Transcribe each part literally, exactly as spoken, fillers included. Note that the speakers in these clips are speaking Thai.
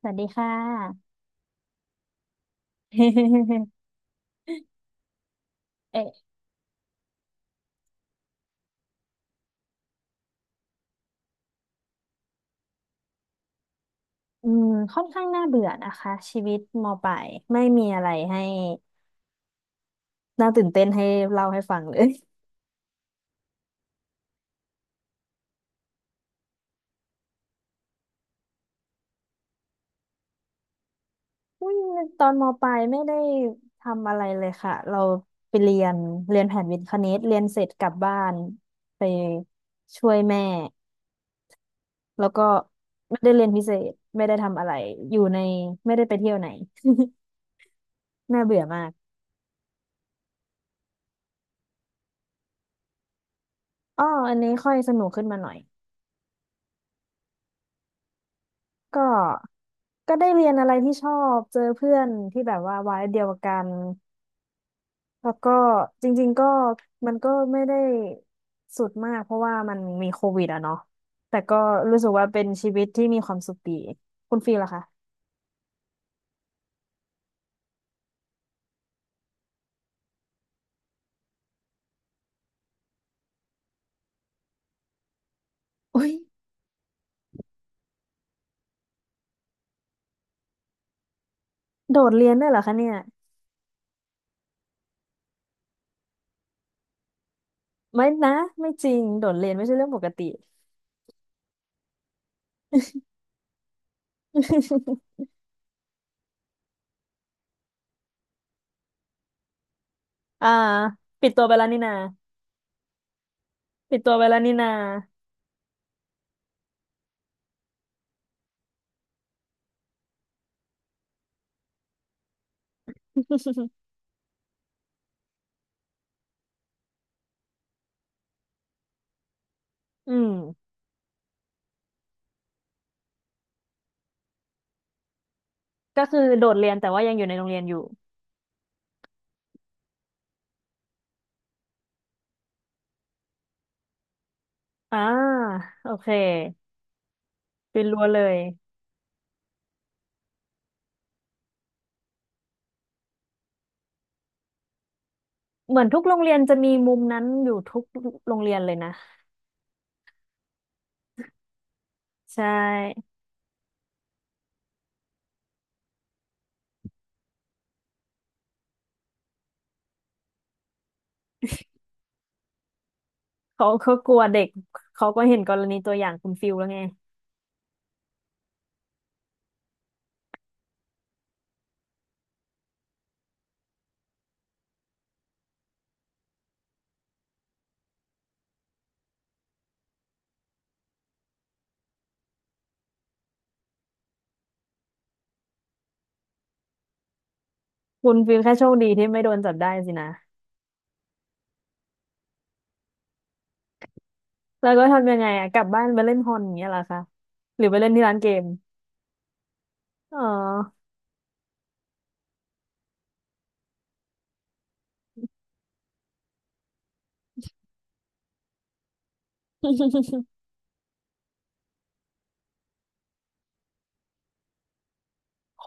สวัสดีค่ะ เอออืมค่อนข้างน่าเบื่อนะคะชีวิตมปลายไม่มีอะไรให้น่าตื่นเต้นให้เล่าให้ฟังเลย อืมตอนมปลายไม่ได้ทำอะไรเลยค่ะเราไปเรียนเรียนแผนวิทย์คณิตเรียนเสร็จกลับบ้านไปช่วยแม่แล้วก็ไม่ได้เรียนพิเศษไม่ได้ทำอะไรอยู่ในไม่ได้ไปเที่ยวไหน น่าเบื่อมากอ๋ออันนี้ค่อยสนุกขึ้นมาหน่อย ก็ก็ได้เรียนอะไรที่ชอบเจอเพื่อนที่แบบว่าวัยเดียวกันแล้วก็จริงๆก็มันก็ไม่ได้สุดมากเพราะว่ามันมีโควิดอะเนาะแต่ก็รู้สึกว่าเป็นชีวิตที่มีความสุขดีคุณฟีลล่ะคะอุ้ยโดดเรียนด้วยเหรอคะเนี่ยไม่นะไม่จริงโดดเรียนไม่ใช่เรื่องปกติ อ่าปิดตัวไปแล้วนี่นาปิดตัวไปแล้วนี่นา อืมก็คือโดดเรียนแต่ว่ายังอยู่ในโรงเรียนอยู่อ่าโอเค เป็นรั้วเลย เหมือนทุกโรงเรียนจะมีมุมนั้นอยู่ทุกโรงเรียนเลยนะใช่เขาเขากลัวเด็กเขาก็เห็นกรณีตัวอย่างคุณฟิลแล้วไงคุณฟิลแค่โชคดีที่ไม่โดนจับได้สินะแล้วก็ทำยังไงอะกลับบ้านไปเล่นฮอนอย่างเงี้ยเหรอคะหรือไปเล่นที่ร้านเกมอ๋อ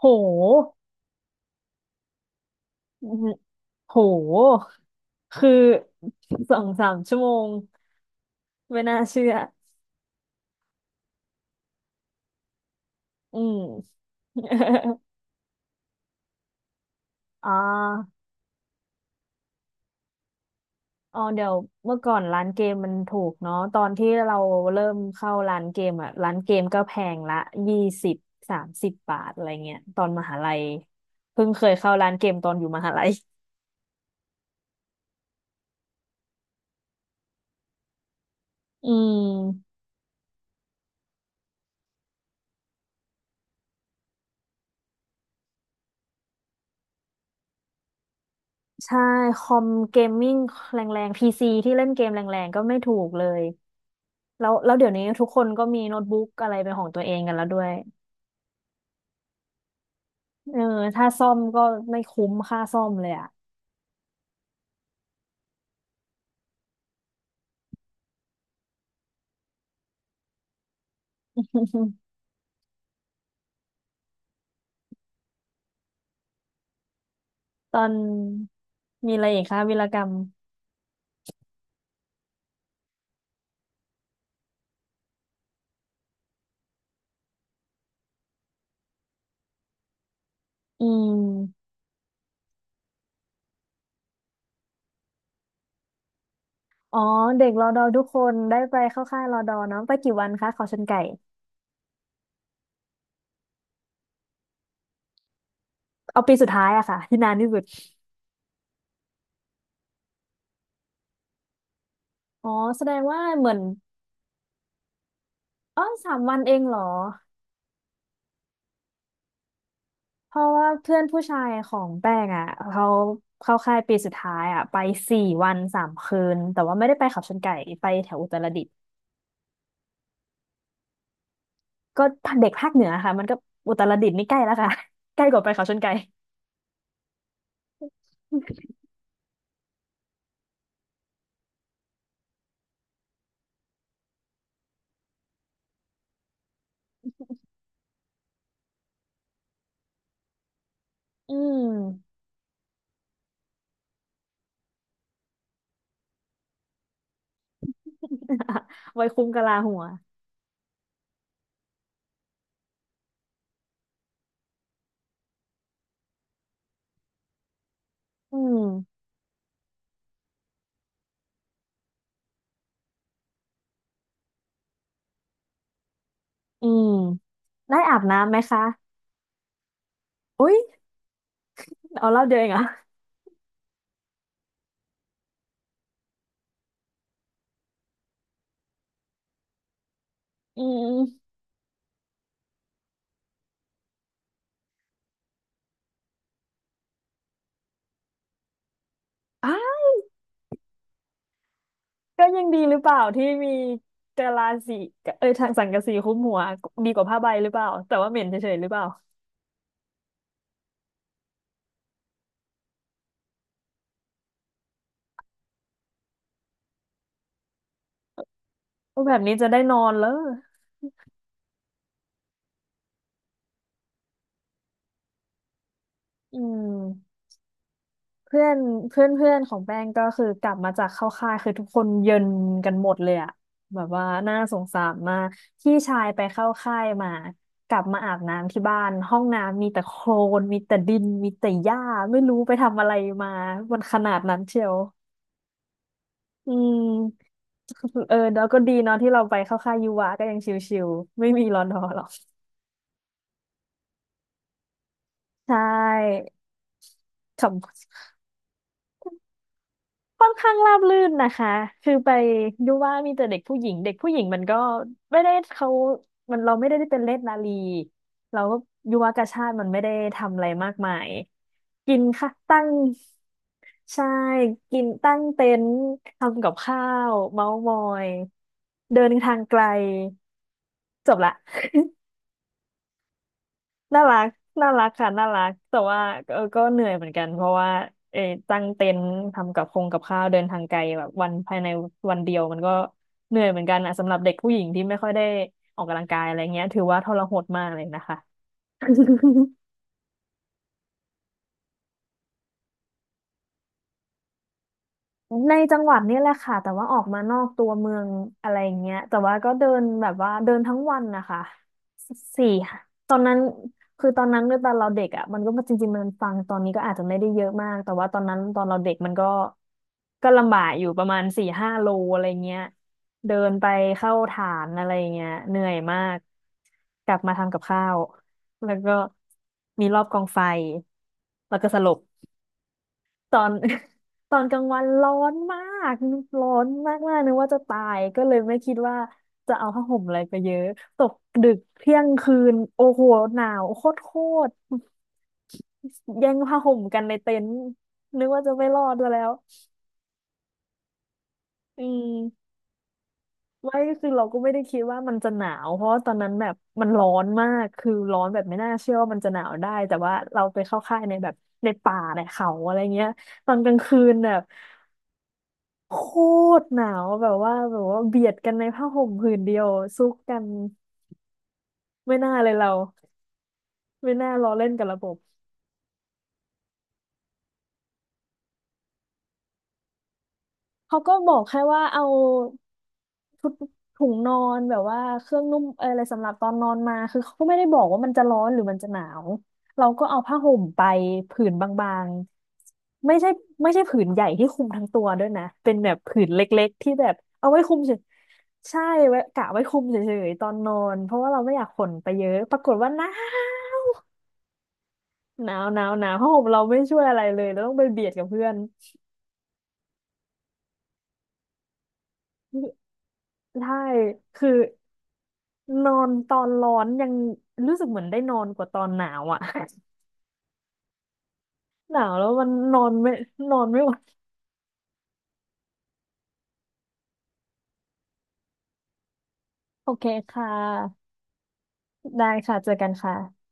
โหอืมโหคือสองสามชั่วโมงไม่น่าเชื่ออืม อ๋อ อ๋อเดี๋ยวเมื่อก่อนร้านเกมมันถูกเนาะตอนที่เราเริ่มเข้าร้านเกมอ่ะร้านเกมก็แพงละยี่สิบสามสิบบาทอะไรเงี้ยตอนมหาลัยเพิ่งเคยเข้าร้านเกมตอนอยู่มหาลัย อืมใช่คอมเกมมิ่งแรงๆพีซีที่เล่นเกมแรงๆก็ไม่ถูกเลยแล้วแล้วเดี๋ยวนี้ทุกคนก็มีโน้ตบุ๊กอะไรเป็นของตัวเองกันแล้วด้วยเออถ้าซ่อมก็ไม่คุ้มค่าซ่อมเลยอ่ะ ตอนมีอะไรอีกคะวีรกรรมอืม อ๋อเด็กรอดอทุกคนได้ไปเข้าค่ายรอดอเนาะไปกี่วันคะเขาชนไก่เอาปีสุดท้ายอะค่ะ ที่นานที่สุดอ๋อแสดงว่าเหมือนอ๋อสามวันเองเหรอเพราะว่าเพื่อนผู้ชายของแป้งอะเขาเข้าค่ายปีสุดท้ายอะไปสี่วันสามคืนแต่ว่าไม่ได้ไปเขาชนไก่ไปแถวอุตรดิตถ์ก็เด็กภาคเหนือค่ะมันก็อุตรดิตถ์นี่ใกล้แล้วค่ะ ใกล้กว่าไปเขาชนไก่ อืม ไว้คุ้มกะลาหัวอืมอืมได้อาบน้ำไหมคะ อุ๊ยเอารอบเดียวเองเหรอ่ะอืมอ่าก็ยังดีหรือเปล่าที่มีกะลาสีเอ้ยทางสังกะสีคลุ้มหัวดีกว่าผ้าใบหรือเปล่าแต่ว่าเหม็นเฉยๆหรือเปล่าก็แบบนี้จะได้นอนแล้วอืมเพื่อนเพื่อนเพื่อนของแป้งก็คือกลับมาจากเข้าค่ายคือทุกคนเย็นกันหมดเลยอะแบบว่าน่าสงสารมากพี่ชายไปเข้าค่ายมากลับมาอาบน้ำที่บ้านห้องน้ำมีแต่โคลนมีแต่ดินมีแต่หญ้าไม่รู้ไปทำอะไรมามันขนาดนั้นเชียว อืม เออแล้วก็ดีเนาะที่เราไปเข้าค่ายยูวาก็ยังชิวๆไม่มีรอนอหรอกใช่ขับค่อนข้างราบรื่นนะคะคือไปยูว่ามีแต่เด็กผู้หญิงเด็กผู้หญิงมันก็ไม่ได้เขามันเราไม่ได้ได้เป็นเลศนาลีเราก็ยูวากาชาติมันไม่ได้ทำอะไรมากมายกินค่ะตั้งใช่กินตั้งเต็นท์ทำกับข้าวเมาส์มอยเดินทางไกลจบละ น่ารักน่ารักค่ะน่ารักแต่ว่าเออก็เหนื่อยเหมือนกัน เพราะว่าเออตั้งเต็นท์ทำกับคงกับข้าวเดินทางไกลแบบวันภายในวันเดียวมันก็เหนื่อยเหมือนกันอ่ะสำหรับเด็กผู้หญิงที่ไม่ค่อยได้ออกกำลังกายอะไรเงี้ยถือว่าทรหดมากเลยนะคะ ในจังหวัดนี่แหละค่ะแต่ว่าออกมานอกตัวเมืองอะไรอย่างเงี้ยแต่ว่าก็เดินแบบว่าเดินทั้งวันนะคะ สี่ค่ะตอนนั้นคือตอนนั้นด้วยตอนเราเด็กอ่ะมันก็จริงๆมันฟังตอนนี้ก็อาจจะไม่ได้เยอะมากแต่ว่าตอนนั้นตอนเราเด็กมันก็ก็ลำบากอยู่ประมาณสี่ห้าโลอะไรเงี้ยเดินไปเข้าฐานอะไรเงี้ยเหนื่อยมากกลับมาทำกับข้าวแล้วก็มีรอบกองไฟแล้วก็สลบ ตอน ตอนกลางวันร้อนมากร้อนมากมากนึกว่าจะตายก็เลยไม่คิดว่าจะเอาผ้าห่มอะไรไปเยอะตกดึกเที่ยงคืนโอ้โหหนาวโคตรโคตรแย่งผ้าห่มกันในเต็นท์นึกว่าจะไม่รอดซะแล้วอืมไม่คือเราก็ไม่ได้คิดว่ามันจะหนาวเพราะว่าตอนนั้นแบบมันร้อนมากคือร้อนแบบไม่น่าเชื่อว่ามันจะหนาวได้แต่ว่าเราไปเข้าค่ายในแบบในป่าในเขาอะไรเงี้ยตอนกลางคืนแบบ โคตรหนาวแบบว่าแบบว่าเบียดกันในผ้าห่มผืนเดียวซุกกันไม่น่าเลยเราไม่น่าล้อเล่นกับระบบ เขาก็บอกแค่ว่าเอาถุถุงนอนแบบว่าเครื่องนุ่มเอออะไรสำหรับตอนนอนมาคือเขาก็ไม่ได้บอกว่ามันจะร้อนหรือมันจะหนาวเราก็เอาผ้าห่มไปผืนบางๆไม่ใช่ไม่ใช่ผืนใหญ่ที่คลุมทั้งตัวด้วยนะเป็นแบบผืนเล็กๆที่แบบเอาไว้คลุมเฉยใช่ไว้กะไว้คลุมเฉยๆตอนนอนเพราะว่าเราไม่อยากขนไปเยอะปรากฏว่าหนาวหนาวหนาวหนาวผ้าห่มเราไม่ช่วยอะไรเลยเราต้องไปเบียดกับเพื่อนใช่คือ นอนตอนร้อนยังรู้สึกเหมือนได้นอนกว่าตอนหนาวอ่ะ หนาวแล้วมันนอนไม่นอนไม่ไหวโอเคค่ะได้ค่ะเจอกันค่ะ